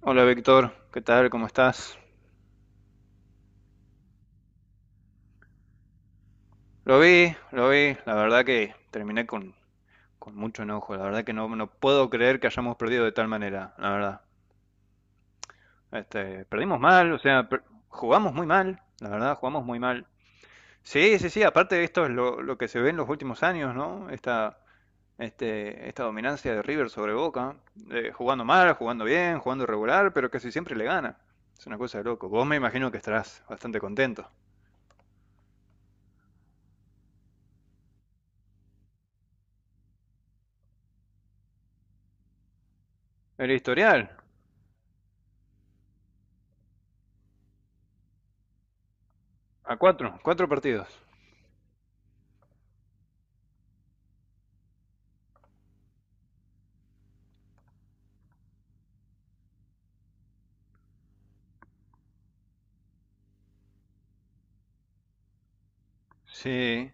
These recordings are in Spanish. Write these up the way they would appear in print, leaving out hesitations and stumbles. Hola Víctor, ¿qué tal? ¿Cómo estás? Lo vi, la verdad que terminé con mucho enojo, la verdad que no puedo creer que hayamos perdido de tal manera, la verdad. Perdimos mal, o sea, jugamos muy mal, la verdad, jugamos muy mal. Sí, sí, sí, aparte esto es lo que se ve en los últimos años, ¿no? Esta dominancia de River sobre Boca, jugando mal, jugando bien, jugando regular, pero casi siempre le gana. Es una cosa de loco. Vos me imagino que estarás bastante contento. El historial. A cuatro partidos. Sí,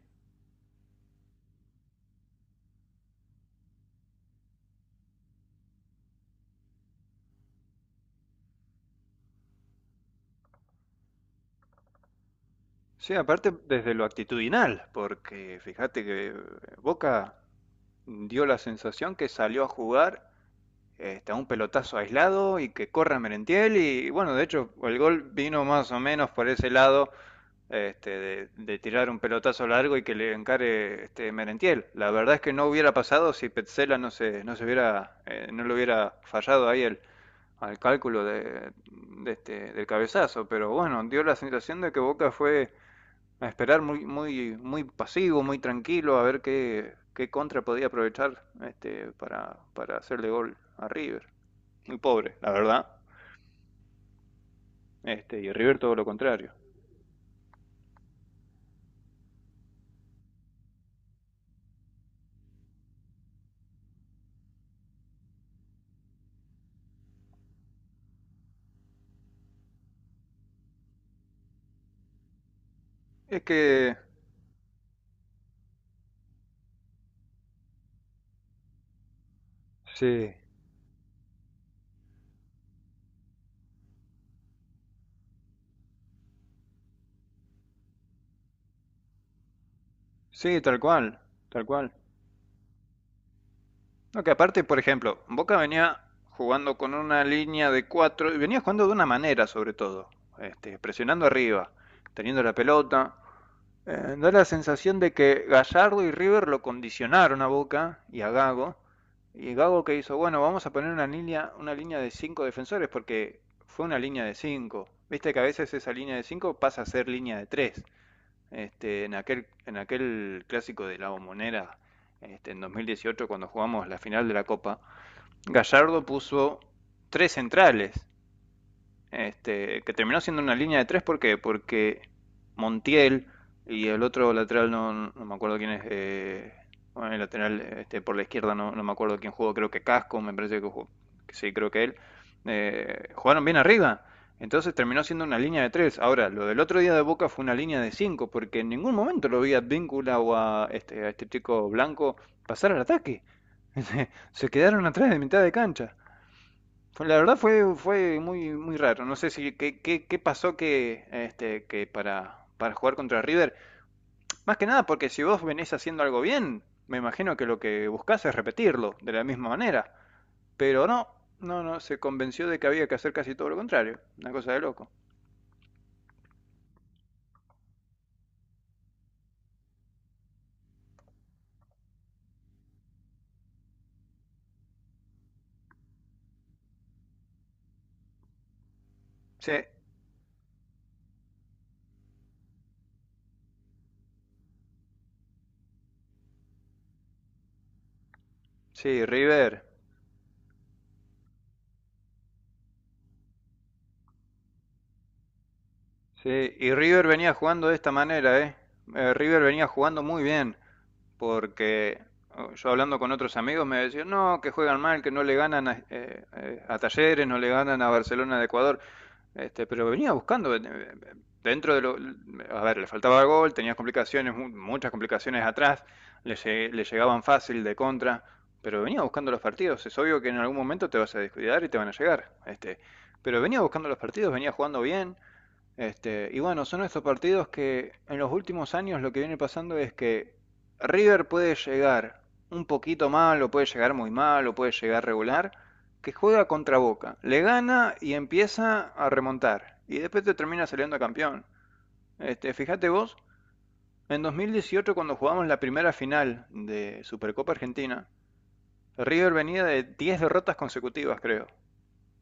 sí, aparte desde lo actitudinal, porque fíjate que Boca dio la sensación que salió a jugar a un pelotazo aislado y que corra Merentiel, y bueno, de hecho el gol vino más o menos por ese lado, de, tirar un pelotazo largo y que le encare, Merentiel. La verdad es que no hubiera pasado si Petzela no se hubiera, no lo hubiera fallado ahí al cálculo del cabezazo, pero bueno, dio la sensación de que Boca fue a esperar muy, muy, muy pasivo, muy tranquilo, a ver qué contra podía aprovechar, para hacerle gol a River. Muy pobre, la verdad. Y River todo lo contrario. Es que. Sí, sí, tal cual, tal cual. No, que aparte, por ejemplo, Boca venía jugando con una línea de cuatro, y venía jugando de una manera sobre todo, presionando arriba, teniendo la pelota. Da la sensación de que Gallardo y River lo condicionaron a Boca y a Gago. Y Gago, que hizo, bueno, vamos a poner una línea de cinco defensores, porque fue una línea de cinco. Viste que a veces esa línea de cinco pasa a ser línea de tres. En aquel clásico de la Bombonera, en 2018, cuando jugamos la final de la Copa, Gallardo puso tres centrales, que terminó siendo una línea de tres. ¿Por qué? Porque Montiel y el otro lateral, no me acuerdo quién es, bueno, el lateral, por la izquierda, no me acuerdo quién jugó, creo que Casco, me parece que jugó, sí, creo que él, jugaron bien arriba. Entonces terminó siendo una línea de tres. Ahora, lo del otro día de Boca fue una línea de cinco, porque en ningún momento lo vi a Víncula o a este chico blanco pasar al ataque. Se quedaron atrás de mitad de cancha. La verdad fue muy, muy raro. No sé si qué pasó, que para jugar contra River. Más que nada porque si vos venís haciendo algo bien, me imagino que lo que buscás es repetirlo de la misma manera. Pero no, no, no, se convenció de que había que hacer casi todo lo contrario. Una cosa de loco. Sí, sí, River. Sí, y River venía jugando de esta manera, ¿eh? River venía jugando muy bien. Porque oh, yo hablando con otros amigos me decían, no, que juegan mal, que no le ganan a Talleres, no le ganan a Barcelona de Ecuador. Pero venía buscando, dentro de lo. A ver, le faltaba gol, tenía complicaciones, muchas complicaciones atrás, le, le llegaban fácil de contra, pero venía buscando los partidos. Es obvio que en algún momento te vas a descuidar y te van a llegar. Pero venía buscando los partidos, venía jugando bien, y bueno, son estos partidos que en los últimos años lo que viene pasando es que River puede llegar un poquito mal, o puede llegar muy mal, o puede llegar regular, que juega contra Boca, le gana y empieza a remontar, y después te termina saliendo campeón. Fíjate vos, en 2018, cuando jugamos la primera final de Supercopa Argentina, River venía de 10 derrotas consecutivas, creo.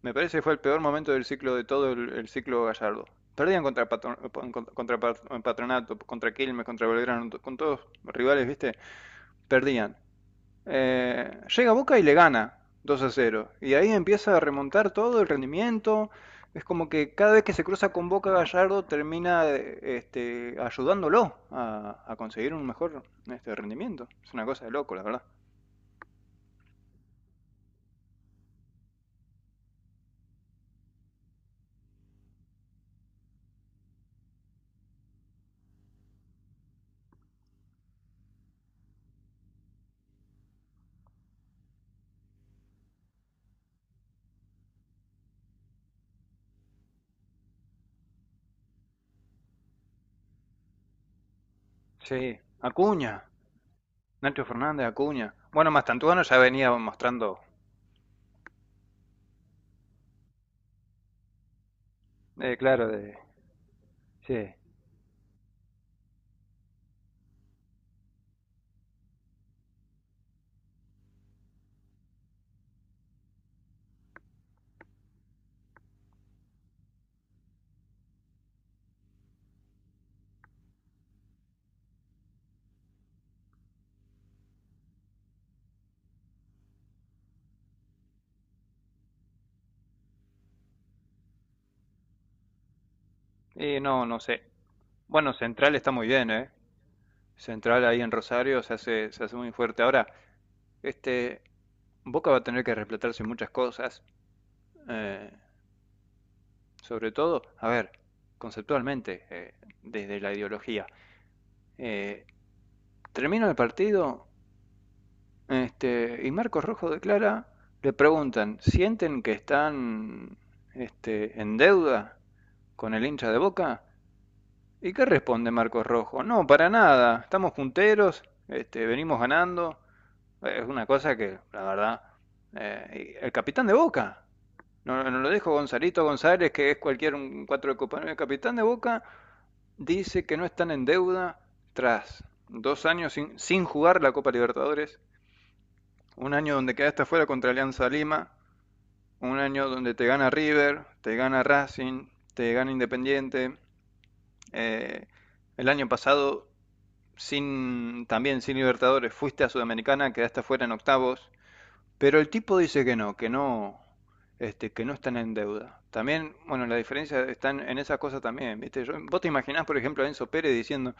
Me parece que fue el peor momento del ciclo, de todo el ciclo Gallardo. Perdían contra, Patronato, contra Quilmes, contra Belgrano, con todos rivales, ¿viste? Perdían. Llega Boca y le gana 2-0, y ahí empieza a remontar todo el rendimiento. Es como que cada vez que se cruza con Boca, Gallardo termina, ayudándolo a conseguir un mejor, rendimiento. Es una cosa de loco, la verdad. Sí, Acuña, Nacho Fernández, Acuña. Bueno, Mastantuono ya venía mostrando. Claro, sí. Y no sé. Bueno, Central está muy bien, ¿eh? Central ahí en Rosario se hace muy fuerte. Ahora, este, Boca va a tener que replantarse muchas cosas. eh, sobre todo, a ver, conceptualmente, desde la ideología. Eh, termina el partido, y Marcos Rojo declara, le preguntan, ¿sienten que están, en deuda con el hincha de Boca? ¿Y qué responde Marcos Rojo? No, para nada. Estamos punteros, venimos ganando. Es una cosa que, la verdad. El capitán de Boca. No, no lo dijo Gonzalito González, que es cualquier un cuatro de Copa. No, el capitán de Boca dice que no están en deuda tras 2 años sin jugar la Copa Libertadores. Un año donde quedaste fuera contra Alianza Lima. Un año donde te gana River, te gana Racing, te gana Independiente. Eh, el año pasado, sin, también sin Libertadores, fuiste a Sudamericana, quedaste afuera en octavos, pero el tipo dice que no, que no están en deuda. También, bueno, la diferencia está en esa cosa también, ¿viste? Vos te imaginás, por ejemplo, a Enzo Pérez diciendo,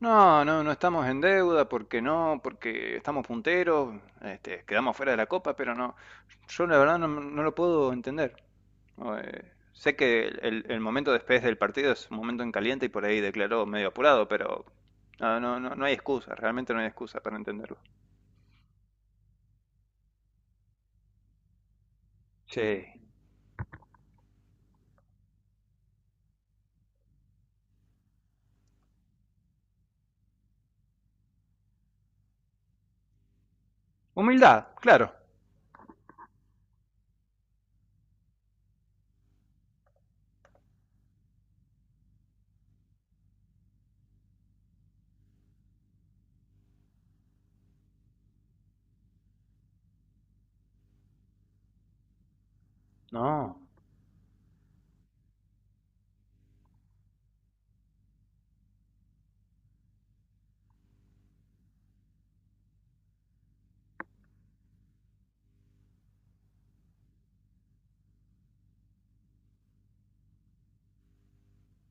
no, no, no estamos en deuda, porque no, porque estamos punteros, quedamos fuera de la Copa, pero no, yo la verdad no lo puedo entender. No, sé que el, el momento después del partido es un momento en caliente, y por ahí declaró medio apurado, pero no, no, no, no hay excusa, realmente no hay excusa para entenderlo. Sí. Humildad, claro. No.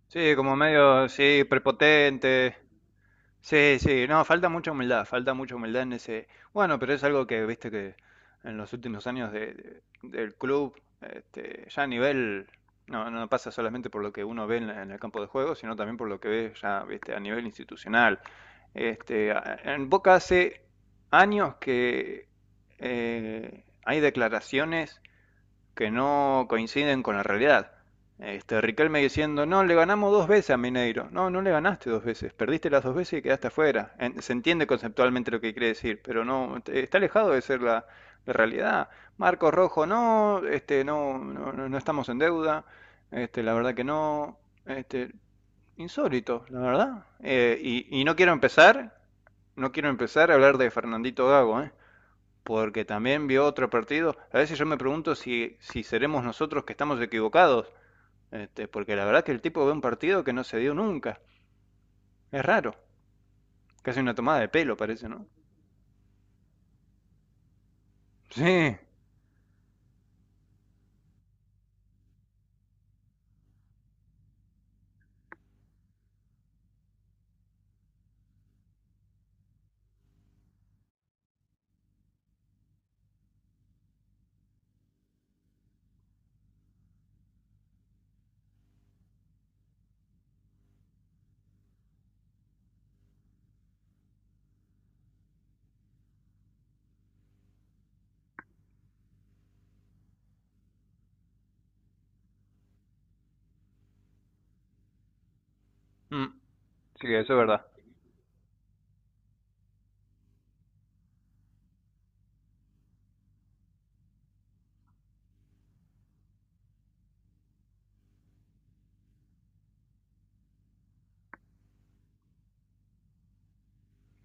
Sí, como medio, sí, prepotente. Sí, sí, no, falta mucha humildad en ese. Bueno, pero es algo que, viste, que en los últimos años del club, ya a nivel, no pasa solamente por lo que uno ve en el campo de juego, sino también por lo que ve ya, viste, a nivel institucional. En Boca hace años que hay declaraciones que no coinciden con la realidad. Riquelme diciendo, no, le ganamos dos veces a Mineiro. No, no le ganaste dos veces, perdiste las dos veces y quedaste afuera. Se entiende conceptualmente lo que quiere decir, pero no, está alejado de ser la realidad. Marcos Rojo, no, no estamos en deuda, la verdad que no, este, insólito, la verdad. Y no quiero empezar a hablar de Fernandito Gago, ¿eh? Porque también vio otro partido. A veces yo me pregunto si seremos nosotros que estamos equivocados, porque la verdad que el tipo ve un partido que no se dio nunca. Es raro, casi una tomada de pelo parece, ¿no? Sí, Mm. sí, eso es verdad.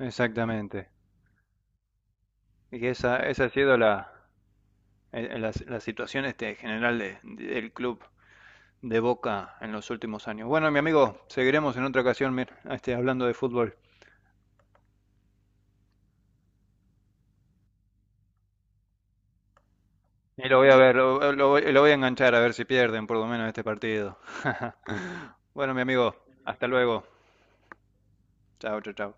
Exactamente. Y esa ha sido la situación, general del club de Boca en los últimos años. Bueno, mi amigo, seguiremos en otra ocasión, hablando de fútbol. Y lo voy a ver, lo voy a enganchar a ver si pierden por lo menos este partido. Bueno, mi amigo, hasta luego. Chao, chao, chao.